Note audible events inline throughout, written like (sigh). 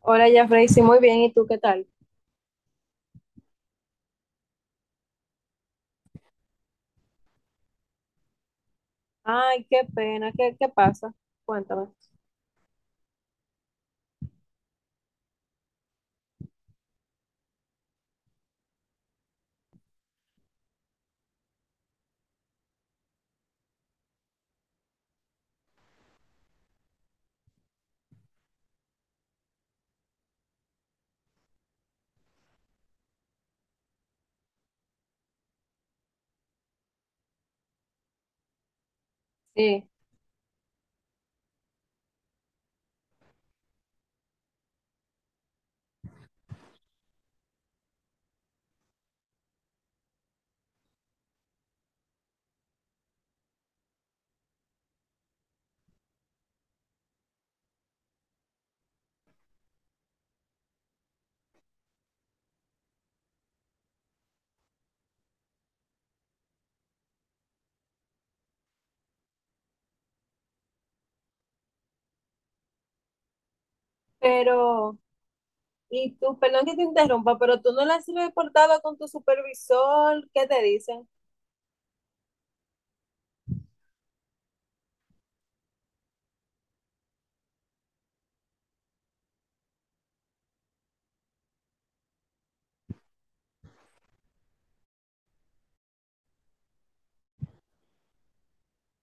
Hola, Jeffrey, sí, muy bien, ¿y tú qué tal? Ay, qué pena, ¿qué pasa? Cuéntame. Sí, pero, y tú, perdón que te interrumpa, pero tú no le has reportado con tu supervisor, ¿qué te dicen?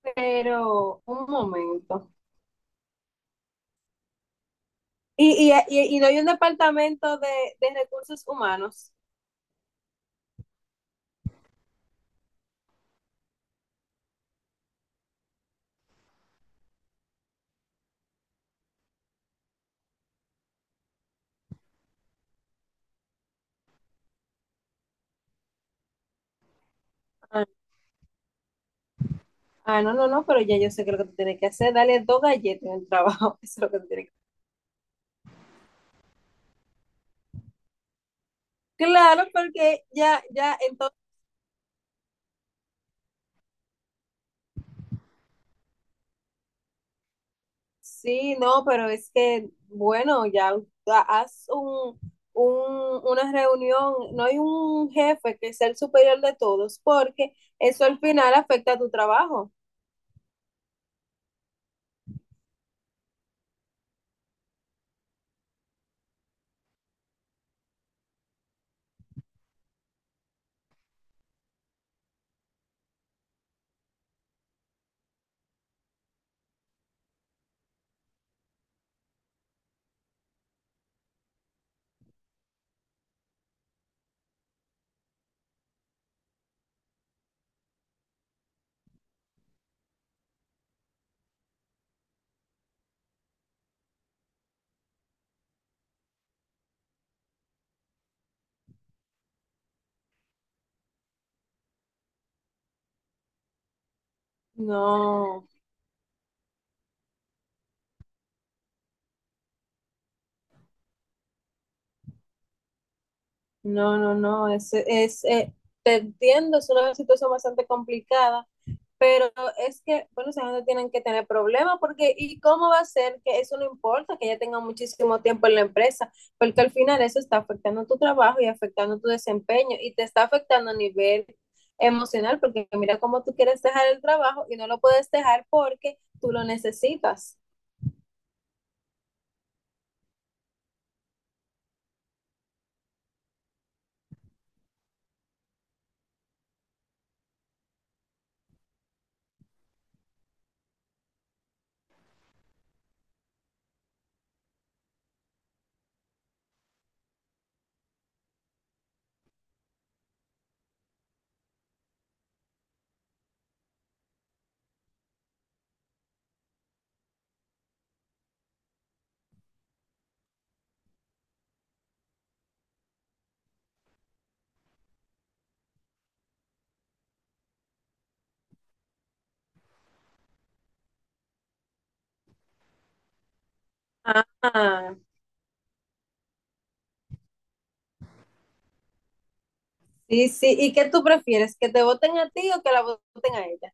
Pero, un momento. ¿Y no hay un departamento de recursos humanos? Ah, no, no, no, pero ya yo sé que lo que tú tienes que hacer, dale dos galletas en el trabajo, (laughs) eso es lo que tú tienes que hacer. Claro, porque entonces. Sí, no, pero es que, bueno, ya haz una reunión, no hay un jefe que sea el superior de todos, porque eso al final afecta a tu trabajo. No. No, no, no, es, te entiendo, es una situación bastante complicada, pero es que, bueno, esa gente tienen que tener problemas porque, ¿y cómo va a ser que eso no importa, que ya tenga muchísimo tiempo en la empresa? Porque al final eso está afectando tu trabajo y afectando tu desempeño y te está afectando a nivel emocional porque mira cómo tú quieres dejar el trabajo y no lo puedes dejar porque tú lo necesitas. Ah, sí, sí, ¿y qué tú prefieres, que te voten a ti o que la voten a ella?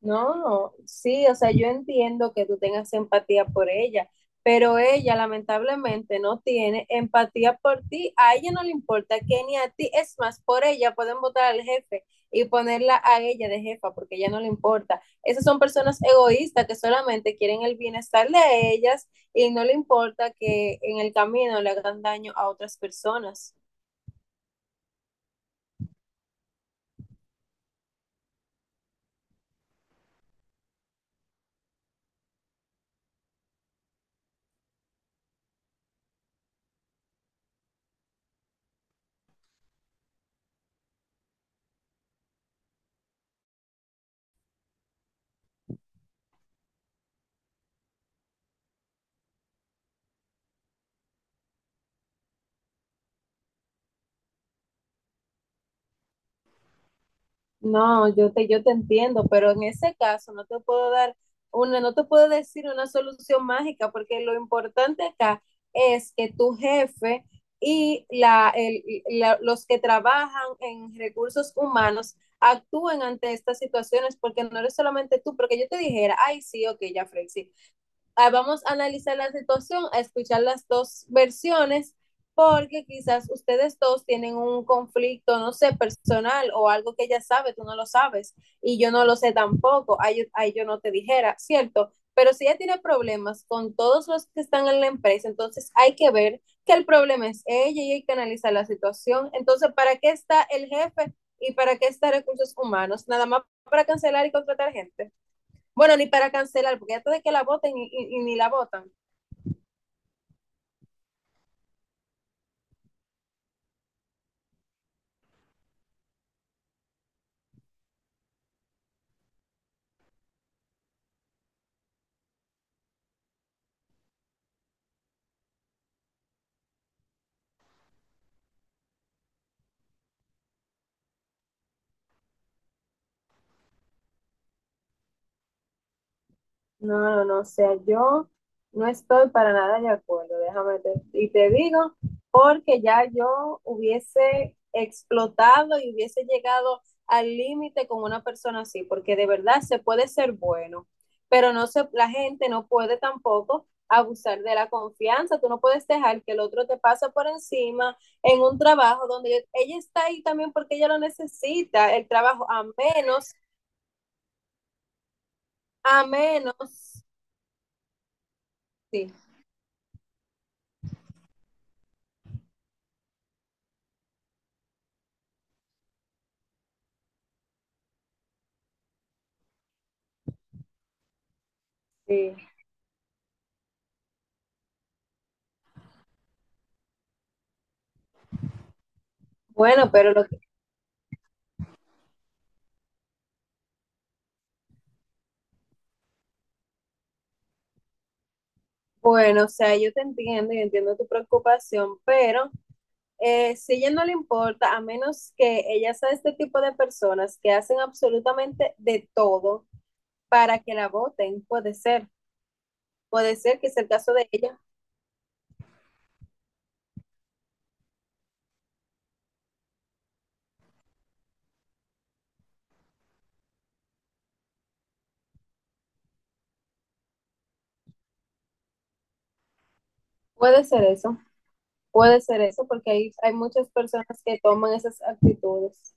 No, sí, o sea, yo entiendo que tú tengas empatía por ella, pero ella lamentablemente no tiene empatía por ti. A ella no le importa que ni a ti. Es más, por ella pueden votar al jefe y ponerla a ella de jefa porque a ella no le importa. Esas son personas egoístas que solamente quieren el bienestar de ellas y no le importa que en el camino le hagan daño a otras personas. No, yo te entiendo, pero en ese caso no te puedo dar una, no te puedo decir una solución mágica, porque lo importante acá es que tu jefe y los que trabajan en recursos humanos actúen ante estas situaciones, porque no eres solamente tú, porque yo te dijera, ay, sí, ok, ya, Frey, ah, vamos a analizar la situación, a escuchar las dos versiones, porque quizás ustedes dos tienen un conflicto, no sé, personal o algo que ella sabe, tú no lo sabes y yo no lo sé tampoco, ahí yo no te dijera, ¿cierto? Pero si ella tiene problemas con todos los que están en la empresa, entonces hay que ver que el problema es ella y hay que analizar la situación. Entonces, ¿para qué está el jefe y para qué está recursos humanos? Nada más para cancelar y contratar gente. Bueno, ni para cancelar, porque antes de que la voten y ni la votan. No, no, no, o sea, yo no estoy para nada de acuerdo, déjame te digo, porque ya yo hubiese explotado y hubiese llegado al límite con una persona así, porque de verdad se puede ser bueno, pero no se, la gente no puede tampoco abusar de la confianza, tú no puedes dejar que el otro te pase por encima en un trabajo donde ella está ahí también porque ella lo necesita, el trabajo, a menos, sí. Sí. Bueno, pero lo que, bueno, o sea, yo te entiendo y entiendo tu preocupación, pero si ella no le importa, a menos que ella sea este tipo de personas que hacen absolutamente de todo para que la voten, puede ser que sea el caso de ella, puede ser eso, puede ser eso, porque hay muchas personas que toman esas actitudes.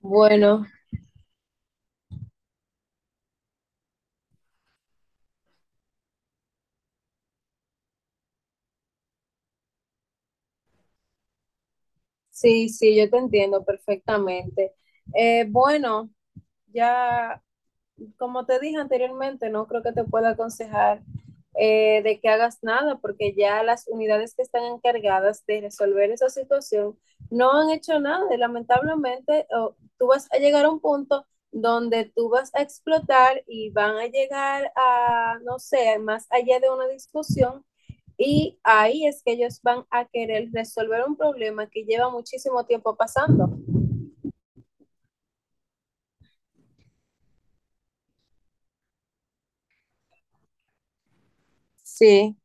Bueno, sí, sí, yo te entiendo perfectamente. Bueno, ya como te dije anteriormente, no creo que te pueda aconsejar de que hagas nada, porque ya las unidades que están encargadas de resolver esa situación no han hecho nada y lamentablemente oh, tú vas a llegar a un punto donde tú vas a explotar y van a llegar a, no sé, más allá de una discusión y ahí es que ellos van a querer resolver un problema que lleva muchísimo tiempo pasando. Sí,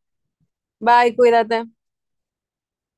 bye, cuídate.